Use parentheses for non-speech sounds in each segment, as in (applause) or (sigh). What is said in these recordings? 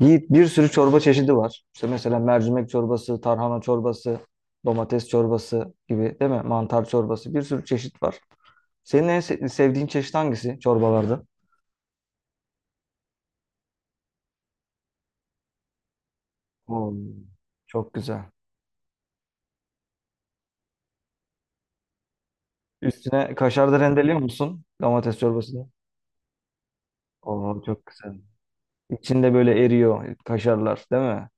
Yiğit bir sürü çorba çeşidi var. İşte mesela mercimek çorbası, tarhana çorbası, domates çorbası gibi değil mi? Mantar çorbası bir sürü çeşit var. Senin en sevdiğin çeşit hangisi çorbalarda? Oo, çok güzel. Üstüne kaşar da rendeliyor musun domates çorbasını? Oo, çok güzel. İçinde böyle eriyor kaşarlar değil mi?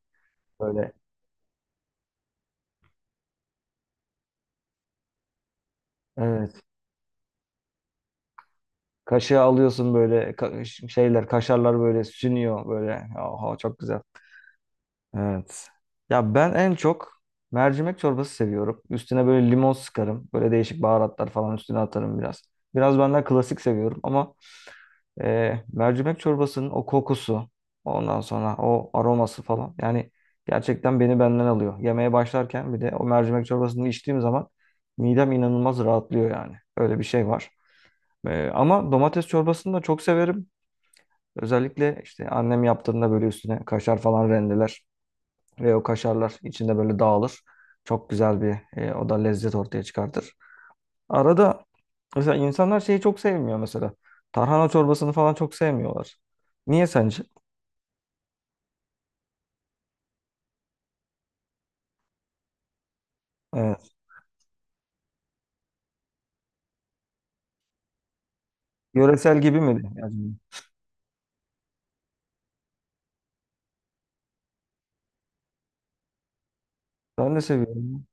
Böyle, evet. Kaşığı alıyorsun böyle şeyler, kaşarlar böyle sünüyor böyle. Oha, çok güzel. Evet. Ya ben en çok mercimek çorbası seviyorum. Üstüne böyle limon sıkarım. Böyle değişik baharatlar falan üstüne atarım biraz. Biraz ben daha klasik seviyorum ama mercimek çorbasının o kokusu, ondan sonra o aroması falan. Yani gerçekten beni benden alıyor. Yemeğe başlarken bir de o mercimek çorbasını içtiğim zaman midem inanılmaz rahatlıyor yani. Öyle bir şey var. Ama domates çorbasını da çok severim. Özellikle işte annem yaptığında böyle üstüne kaşar falan rendeler. Ve o kaşarlar içinde böyle dağılır. Çok güzel bir. O da lezzet ortaya çıkartır. Arada mesela insanlar şeyi çok sevmiyor mesela. Tarhana çorbasını falan çok sevmiyorlar. Niye sence? Evet. Yöresel gibi mi? Yani ben de seviyorum.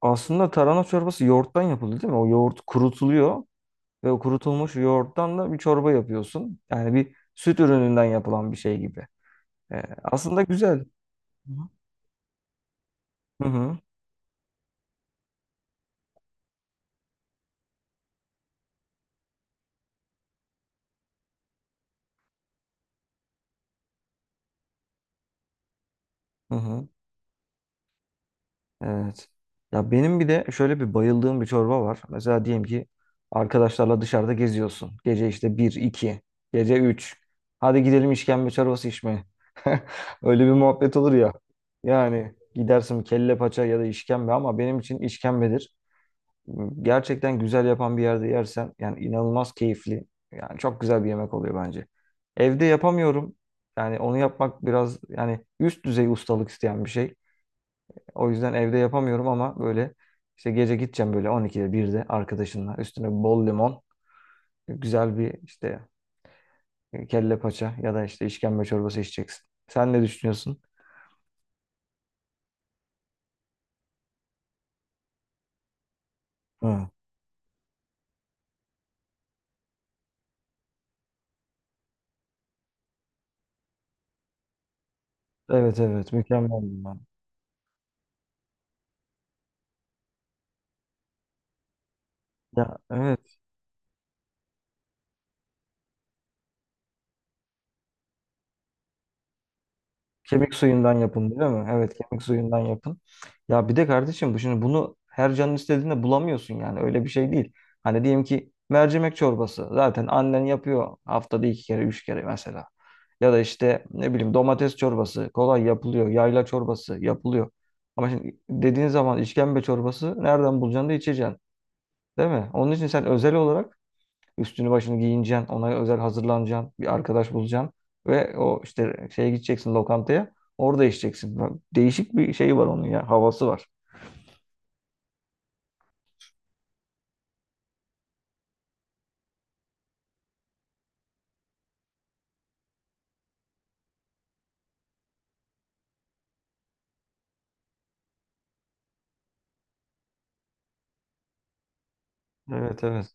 Aslında tarhana çorbası yoğurttan yapıldı değil mi? O yoğurt kurutuluyor ve o kurutulmuş yoğurttan da bir çorba yapıyorsun. Yani bir süt ürününden yapılan bir şey gibi. Aslında güzel. Hı hı. Hı hı. Hı hı. Evet. Ya benim bir de şöyle bir bayıldığım bir çorba var. Mesela diyelim ki arkadaşlarla dışarıda geziyorsun. Gece işte bir, iki, gece üç. Hadi gidelim işkembe çorbası içmeye. (laughs) Öyle bir muhabbet olur ya. Yani gidersin kelle paça ya da işkembe ama benim için işkembedir. Gerçekten güzel yapan bir yerde yersen yani inanılmaz keyifli. Yani çok güzel bir yemek oluyor bence. Evde yapamıyorum. Yani onu yapmak biraz yani üst düzey ustalık isteyen bir şey. O yüzden evde yapamıyorum ama böyle işte gece gideceğim böyle 12'de 1'de arkadaşınla üstüne bol limon, güzel bir işte kelle paça ya da işte işkembe çorbası içeceksin. Sen ne düşünüyorsun? Hı. Evet, evet, mükemmel bunlar. Ya, evet. Kemik suyundan yapın değil mi? Evet, kemik suyundan yapın. Ya bir de kardeşim bu şimdi bunu her canın istediğinde bulamıyorsun yani öyle bir şey değil. Hani diyelim ki mercimek çorbası zaten annen yapıyor haftada iki kere üç kere mesela. Ya da işte ne bileyim domates çorbası kolay yapılıyor. Yayla çorbası yapılıyor. Ama şimdi dediğin zaman işkembe çorbası nereden bulacaksın da içeceksin değil mi? Onun için sen özel olarak üstünü başını giyineceksin. Ona özel hazırlanacaksın. Bir arkadaş bulacaksın. Ve o işte şeye gideceksin, lokantaya. Orada içeceksin. Bak, değişik bir şey var onun ya. Havası var. Evet, evet.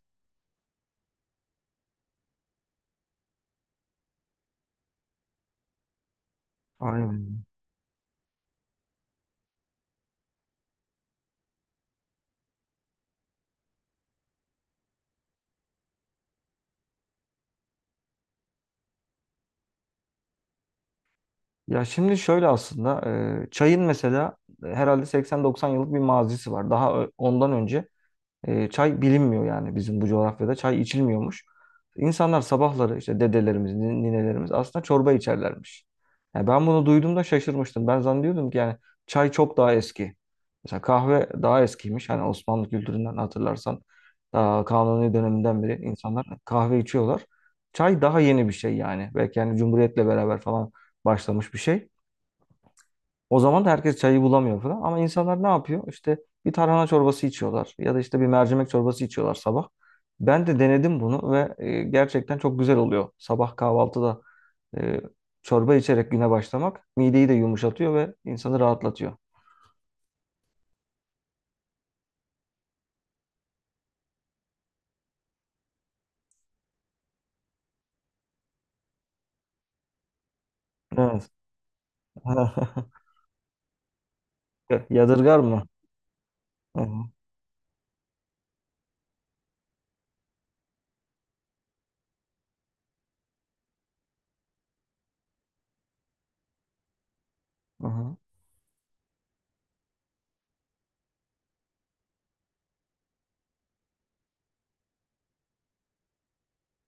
Aynen. Ya şimdi şöyle aslında çayın mesela herhalde 80-90 yıllık bir mazisi var. Daha ondan önce çay bilinmiyor yani bizim bu coğrafyada. Çay içilmiyormuş. İnsanlar sabahları işte dedelerimiz, ninelerimiz aslında çorba içerlermiş. Yani ben bunu duyduğumda şaşırmıştım. Ben zannediyordum ki yani çay çok daha eski. Mesela kahve daha eskiymiş. Hani Osmanlı kültüründen hatırlarsan daha Kanuni döneminden beri insanlar kahve içiyorlar. Çay daha yeni bir şey yani. Belki yani Cumhuriyet'le beraber falan başlamış bir şey. O zaman da herkes çayı bulamıyor falan. Ama insanlar ne yapıyor? İşte bir tarhana çorbası içiyorlar ya da işte bir mercimek çorbası içiyorlar sabah. Ben de denedim bunu ve gerçekten çok güzel oluyor. Sabah kahvaltıda e, çorba içerek güne başlamak mideyi de yumuşatıyor ve insanı rahatlatıyor. Evet. (laughs) Yadırgar mı? Hı hı. Hı hı.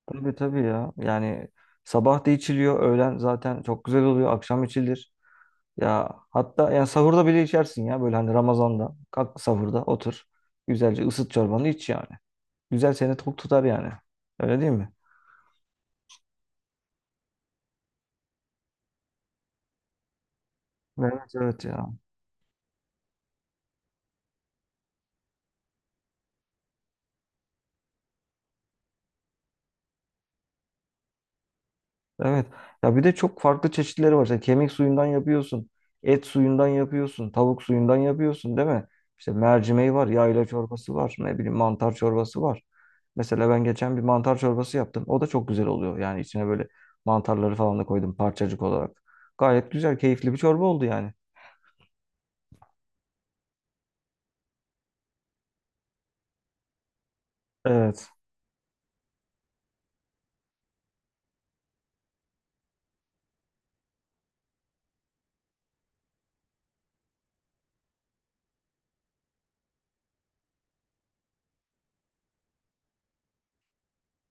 Tabii, tabii ya. Yani sabah da içiliyor, öğlen zaten çok güzel oluyor, akşam içilir. Ya hatta ya sahurda bile içersin ya böyle hani Ramazan'da. Kalk sahurda otur. Güzelce ısıt çorbanı iç yani. Güzel seni tok tutar yani. Öyle değil mi? Evet, evet ya. Evet. Ya bir de çok farklı çeşitleri var. İşte kemik suyundan yapıyorsun. Et suyundan yapıyorsun. Tavuk suyundan yapıyorsun değil mi? İşte mercimeği var. Yayla çorbası var. Ne bileyim mantar çorbası var. Mesela ben geçen bir mantar çorbası yaptım. O da çok güzel oluyor. Yani içine böyle mantarları falan da koydum parçacık olarak. Gayet güzel, keyifli bir çorba oldu yani. Evet.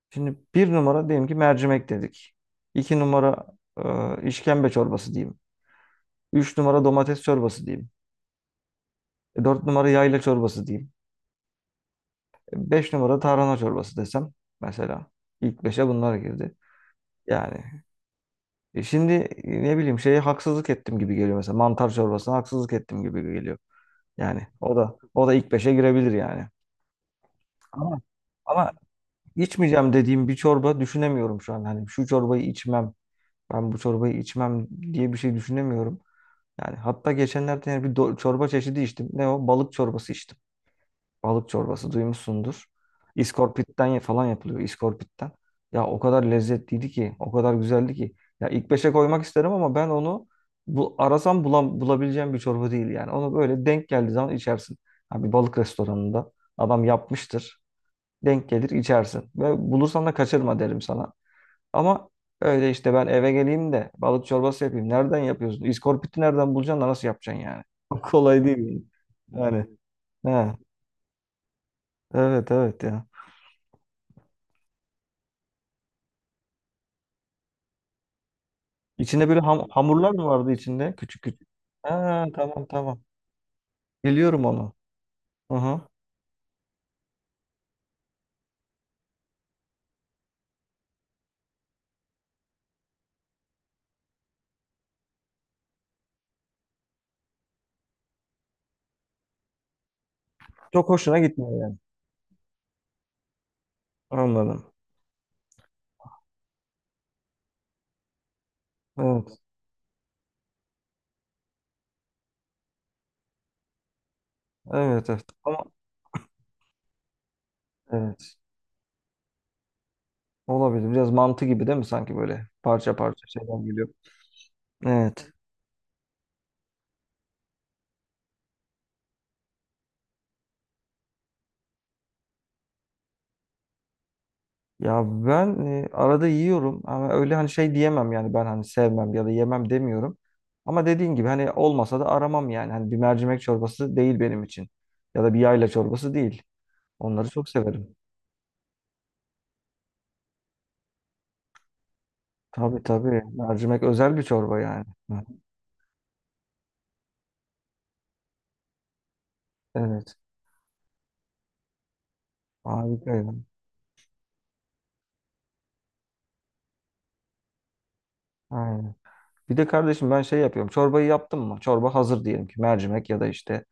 Şimdi bir numara diyelim ki mercimek dedik. İki numara işkembe çorbası diyeyim. Üç numara domates çorbası diyeyim. Dört numara yayla çorbası diyeyim. Beş numara tarhana çorbası desem mesela. İlk beşe bunlar girdi. Yani şimdi ne bileyim şeye haksızlık ettim gibi geliyor mesela. Mantar çorbasına haksızlık ettim gibi geliyor. Yani o da ilk beşe girebilir yani. Ama ama içmeyeceğim dediğim bir çorba düşünemiyorum şu an. Hani şu çorbayı içmem, ben bu çorbayı içmem diye bir şey düşünemiyorum. Yani hatta geçenlerde yani bir çorba çeşidi içtim. Ne o? Balık çorbası içtim. Balık çorbası duymuşsundur. İskorpitten falan yapılıyor. İskorpitten. Ya o kadar lezzetliydi ki, o kadar güzeldi ki. Ya ilk beşe koymak isterim ama ben onu bu arasam bulabileceğim bir çorba değil yani. Onu böyle denk geldiği zaman içersin. Ha, bir balık restoranında adam yapmıştır. Denk gelir içersin. Ve bulursan da kaçırma derim sana. Ama öyle işte ben eve geleyim de balık çorbası yapayım. Nereden yapıyorsun? İskorpiti nereden bulacaksın da nasıl yapacaksın yani? (laughs) Kolay değil yani. Yani. Ha, evet, evet ya. İçinde böyle hamurlar mı vardı içinde? Küçük küçük. Ha, tamam, tamam. Biliyorum onu. Hı hı. Çok hoşuna gitmiyor yani. Anladım. Evet. Evet, evet. Ama, evet. Olabilir. Biraz mantı gibi değil mi? Sanki böyle parça parça şeyler geliyor. Evet. Ya ben arada yiyorum ama öyle hani şey diyemem yani ben hani sevmem ya da yemem demiyorum. Ama dediğin gibi hani olmasa da aramam yani. Hani bir mercimek çorbası değil benim için. Ya da bir yayla çorbası değil. Onları çok severim. Tabii, tabii. Mercimek özel bir çorba yani. Hı. Evet. Harikaydı. Aynen. Bir de kardeşim ben şey yapıyorum. Çorbayı yaptım mı? Çorba hazır diyelim ki mercimek ya da işte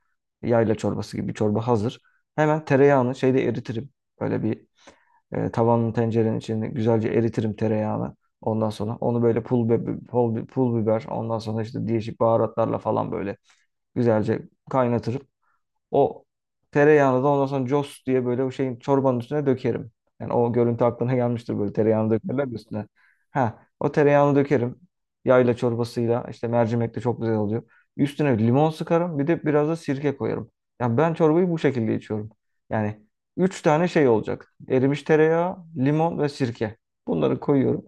yayla çorbası gibi bir çorba hazır. Hemen tereyağını şeyde eritirim. Böyle bir. Tavanın tencerenin içinde güzelce eritirim tereyağını. Ondan sonra onu böyle pul biber, ondan sonra işte değişik baharatlarla falan böyle güzelce kaynatırım. O tereyağını da ondan sonra cos diye böyle o şeyin çorbanın üstüne dökerim. Yani o görüntü aklına gelmiştir böyle tereyağını dökerler ya üstüne. Ha, o tereyağını dökerim. Yayla çorbasıyla işte mercimek de çok güzel oluyor. Üstüne limon sıkarım bir de biraz da sirke koyarım. Yani ben çorbayı bu şekilde içiyorum. Yani üç tane şey olacak. Erimiş tereyağı, limon ve sirke. Bunları koyuyorum.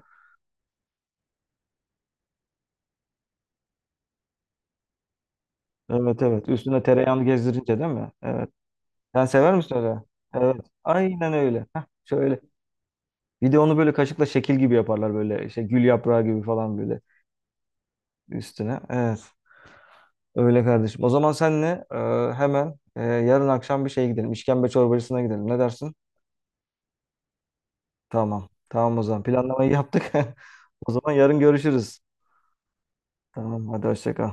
Evet, evet. Üstüne tereyağını gezdirince değil mi? Evet. Sen sever misin öyle? Evet. Aynen öyle. Heh, şöyle. Bir de onu böyle kaşıkla şekil gibi yaparlar, böyle işte gül yaprağı gibi falan böyle üstüne. Evet. Öyle kardeşim. O zaman senle hemen yarın akşam bir şeye gidelim. İşkembe çorbacısına gidelim. Ne dersin? Tamam. Tamam o zaman. Planlamayı yaptık. (laughs) O zaman yarın görüşürüz. Tamam. Hadi hoşça kal.